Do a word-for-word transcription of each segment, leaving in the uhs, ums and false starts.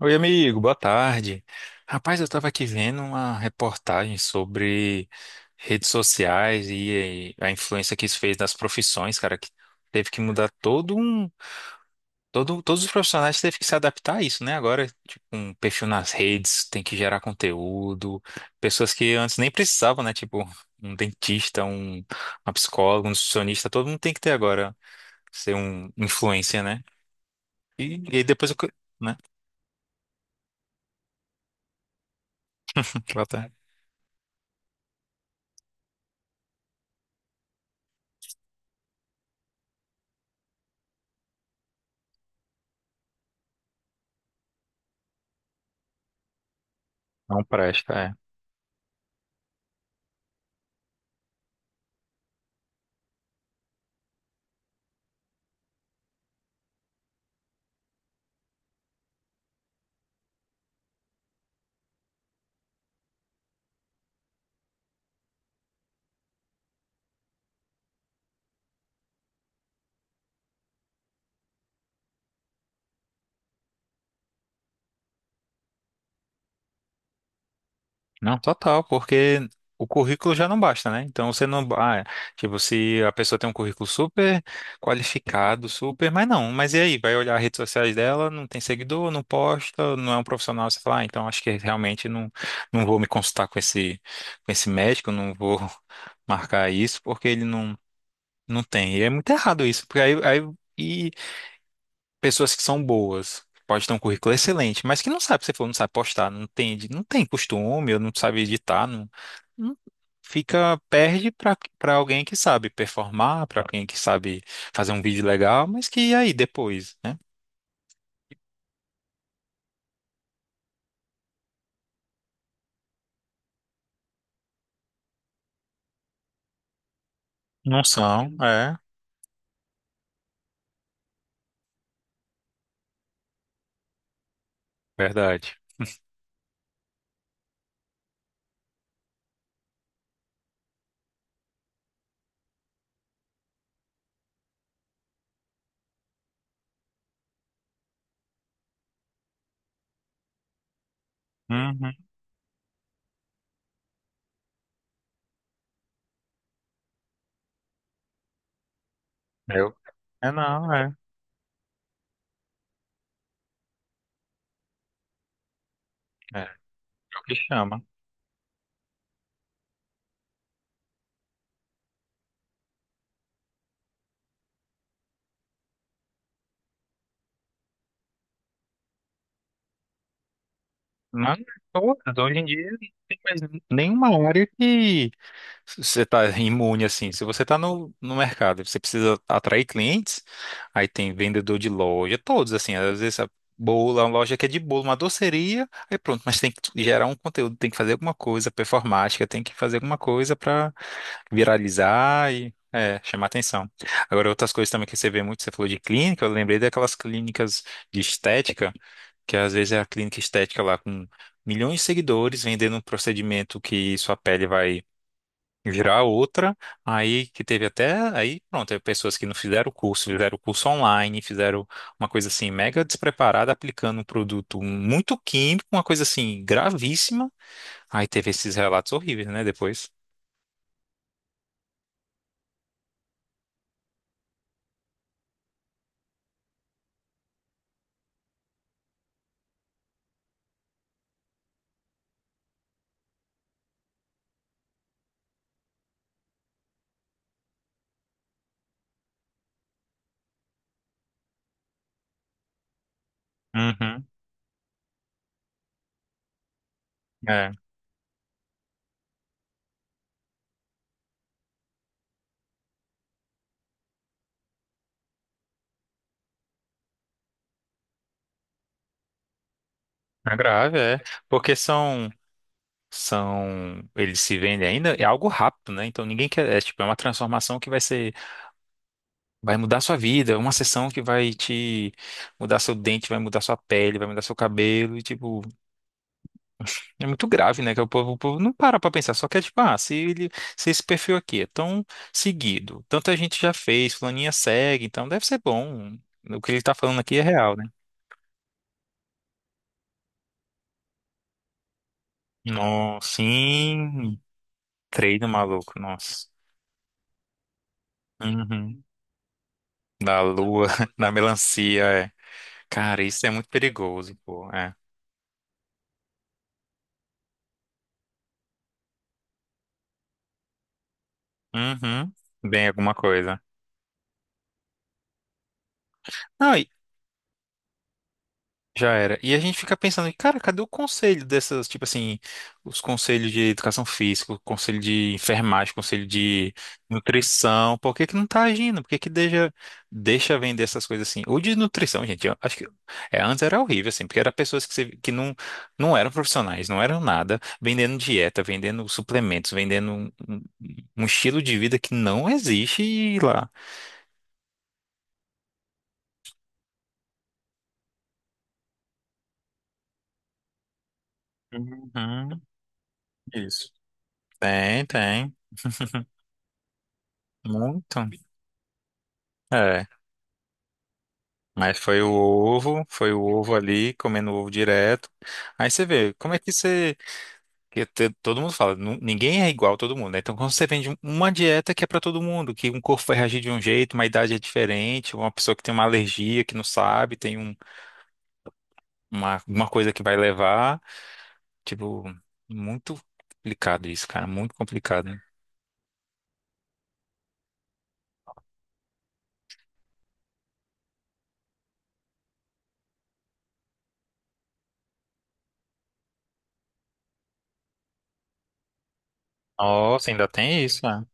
Oi, amigo, boa tarde. Rapaz, eu estava aqui vendo uma reportagem sobre redes sociais e, e a influência que isso fez nas profissões, cara, que teve que mudar todo um, todo, todos os profissionais teve que se adaptar a isso, né? Agora, tipo, um perfil nas redes, tem que gerar conteúdo, pessoas que antes nem precisavam, né? Tipo, um dentista, um, uma psicóloga, um nutricionista, todo mundo tem que ter agora ser um influencer, né? E, e aí depois o que, né? Ela tá- Não presta, é. Não, total, porque o currículo já não basta, né? Então você não. Ah, é, tipo, se a pessoa tem um currículo super qualificado, super. Mas não, mas e aí? Vai olhar as redes sociais dela, não tem seguidor, não posta, não é um profissional. Você fala, ah, então acho que realmente não, não vou me consultar com esse, com esse médico, não vou marcar isso, porque ele não, não tem. E é muito errado isso, porque aí, aí- e pessoas que são boas, que pode ter um currículo excelente, mas que não sabe, você falou, não sabe postar, não tem, edi- não tem costume, ou não sabe editar, não, não- fica, perde para para alguém que sabe performar, para alguém que sabe fazer um vídeo legal, mas que e aí depois, né? Não são, é, verdade. Uhum. Eu, é não, é, é, é o que chama. Mas todas, hoje em dia, não tem mais nenhuma área que você está imune assim. Se você está no, no mercado, e você precisa atrair clientes, aí tem vendedor de loja, todos assim. Às vezes a bolo, uma loja que é de bolo, uma doceria, aí pronto, mas tem que gerar um conteúdo, tem que fazer alguma coisa performática, tem que fazer alguma coisa para viralizar e é, chamar atenção. Agora, outras coisas também que você vê muito, você falou de clínica, eu lembrei daquelas clínicas de estética, que às vezes é a clínica estética lá com milhões de seguidores vendendo um procedimento que sua pele vai virar outra, aí que teve até, aí pronto, teve pessoas que não fizeram o curso, fizeram o curso online, fizeram uma coisa assim mega despreparada, aplicando um produto muito químico, uma coisa assim gravíssima, aí teve esses relatos horríveis, né, depois. Uhum. É, é grave, é, porque são, são, eles se vendem ainda, é algo rápido, né, então ninguém quer, é tipo, é uma transformação que vai ser, vai mudar sua vida, é uma sessão que vai te mudar seu dente, vai mudar sua pele, vai mudar seu cabelo, e tipo, é muito grave, né? Que o povo, o povo não para pra pensar, só quer tipo, ah, se, ele, se esse perfil aqui é tão seguido, tanta gente já fez, fulaninha segue, então deve ser bom. O que ele tá falando aqui é real, né? Nossa, sim, treino maluco, nossa. Uhum. Da lua, da melancia, é. Cara, isso é muito perigoso, pô, é. Uhum. Bem, alguma coisa. Não, já era. E a gente fica pensando, cara, cadê o conselho dessas, tipo assim, os conselhos de educação física, o conselho de enfermagem, o conselho de nutrição, por que que não tá agindo? Por que que deixa, deixa vender essas coisas assim? Ou de nutrição, gente, eu acho que é, antes era horrível, assim, porque eram pessoas que, você- que não, não eram profissionais, não eram nada, vendendo dieta, vendendo suplementos, vendendo um, um- um estilo de vida que não existe e lá. Uhum, isso. Tem, tem. Muito. É. Mas foi o ovo, foi o ovo ali, comendo ovo direto. Aí você vê, como é que você. Que te- todo mundo fala, nu- ninguém é igual a todo mundo, né? Então, quando você vende um- uma dieta que é pra todo mundo, que um corpo vai reagir de um jeito, uma idade é diferente, uma pessoa que tem uma alergia, que não sabe, tem um, uma, uma coisa que vai levar. Tipo, muito complicado isso, cara, muito complicado. Né? Nossa, ainda tem isso, né?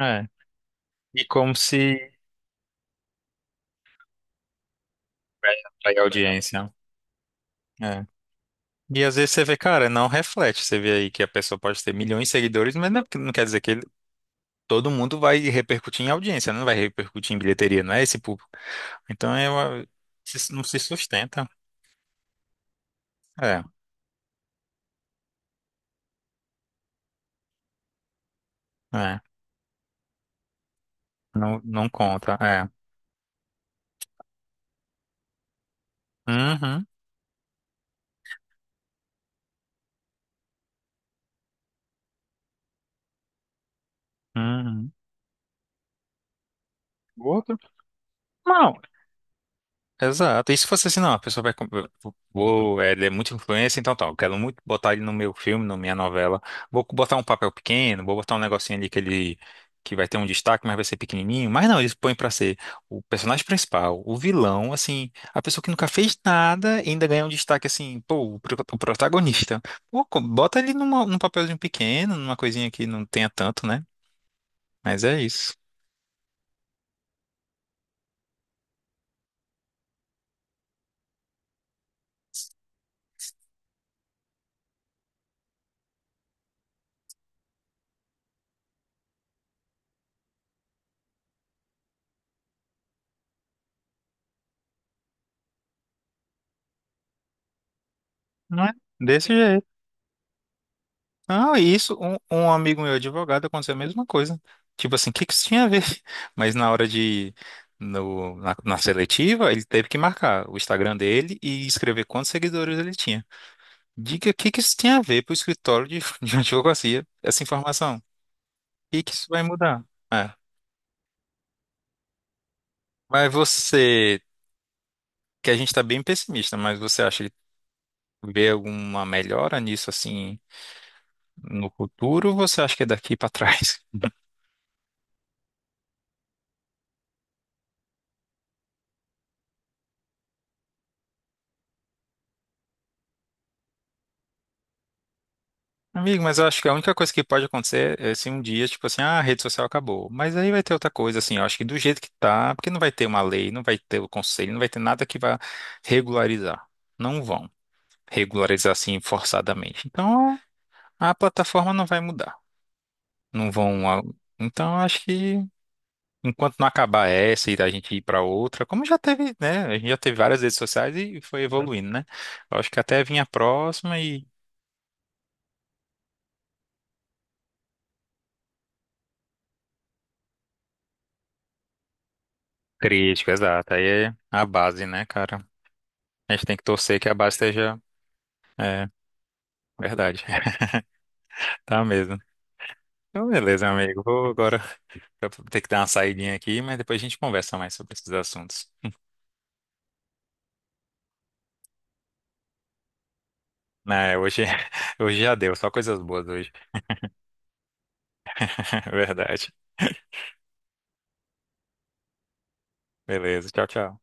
É. E como se. Vai atrair audiência. Né? É. E às vezes você vê, cara, não reflete. Você vê aí que a pessoa pode ter milhões de seguidores, mas não, não quer dizer que ele- todo mundo vai repercutir em audiência, não vai repercutir em bilheteria, não é esse público. Então é uma- se- não se sustenta. É, é. Não, não conta. É. Uhum, uhum. Outro? Não. Exato. E se fosse assim, não, a pessoa vai. Com- Vou, é, ele é muito influência, então tal quero muito botar ele no meu filme, na minha novela. Vou botar um papel pequeno, vou botar um negocinho ali que ele. Que vai ter um destaque, mas vai ser pequenininho. Mas não, eles põem pra ser o personagem principal, o vilão, assim, a pessoa que nunca fez nada e ainda ganha um destaque, assim, pô, o pro- o protagonista. Pô, co- bota ele numa, num papelzinho pequeno, numa coisinha que não tenha tanto, né? Mas é isso. Não é? Desse jeito. Ah, isso, um, um amigo meu advogado aconteceu a mesma coisa. Tipo assim, o que que isso tinha a ver? Mas na hora de, no, na, na seletiva, ele teve que marcar o Instagram dele e escrever quantos seguidores ele tinha. Diga o que que isso tinha a ver pro escritório de, de advocacia, essa informação. O que que isso vai mudar? É. Mas você, que a gente está bem pessimista, mas você acha que vê alguma melhora nisso assim no futuro ou você acha que é daqui para trás? Amigo, mas eu acho que a única coisa que pode acontecer é se um dia, tipo assim, ah, a rede social acabou. Mas aí vai ter outra coisa, assim, eu acho que do jeito que tá, porque não vai ter uma lei, não vai ter o conselho, não vai ter nada que vá regularizar. Não vão regularizar assim forçadamente. Então, a plataforma não vai mudar. Não vão. A- Então, eu acho que enquanto não acabar essa e a gente ir para outra, como já teve, né? A gente já teve várias redes sociais e foi evoluindo, né? Eu acho que até vinha a próxima e. Crítico, exato. Aí é a base, né, cara? A gente tem que torcer que a base esteja. É, verdade. Tá mesmo. Então, beleza, amigo. Vou agora ter que dar uma saidinha aqui, mas depois a gente conversa mais sobre esses assuntos. Né, hoje, hoje já deu, só coisas boas hoje. Verdade. Beleza, tchau, tchau.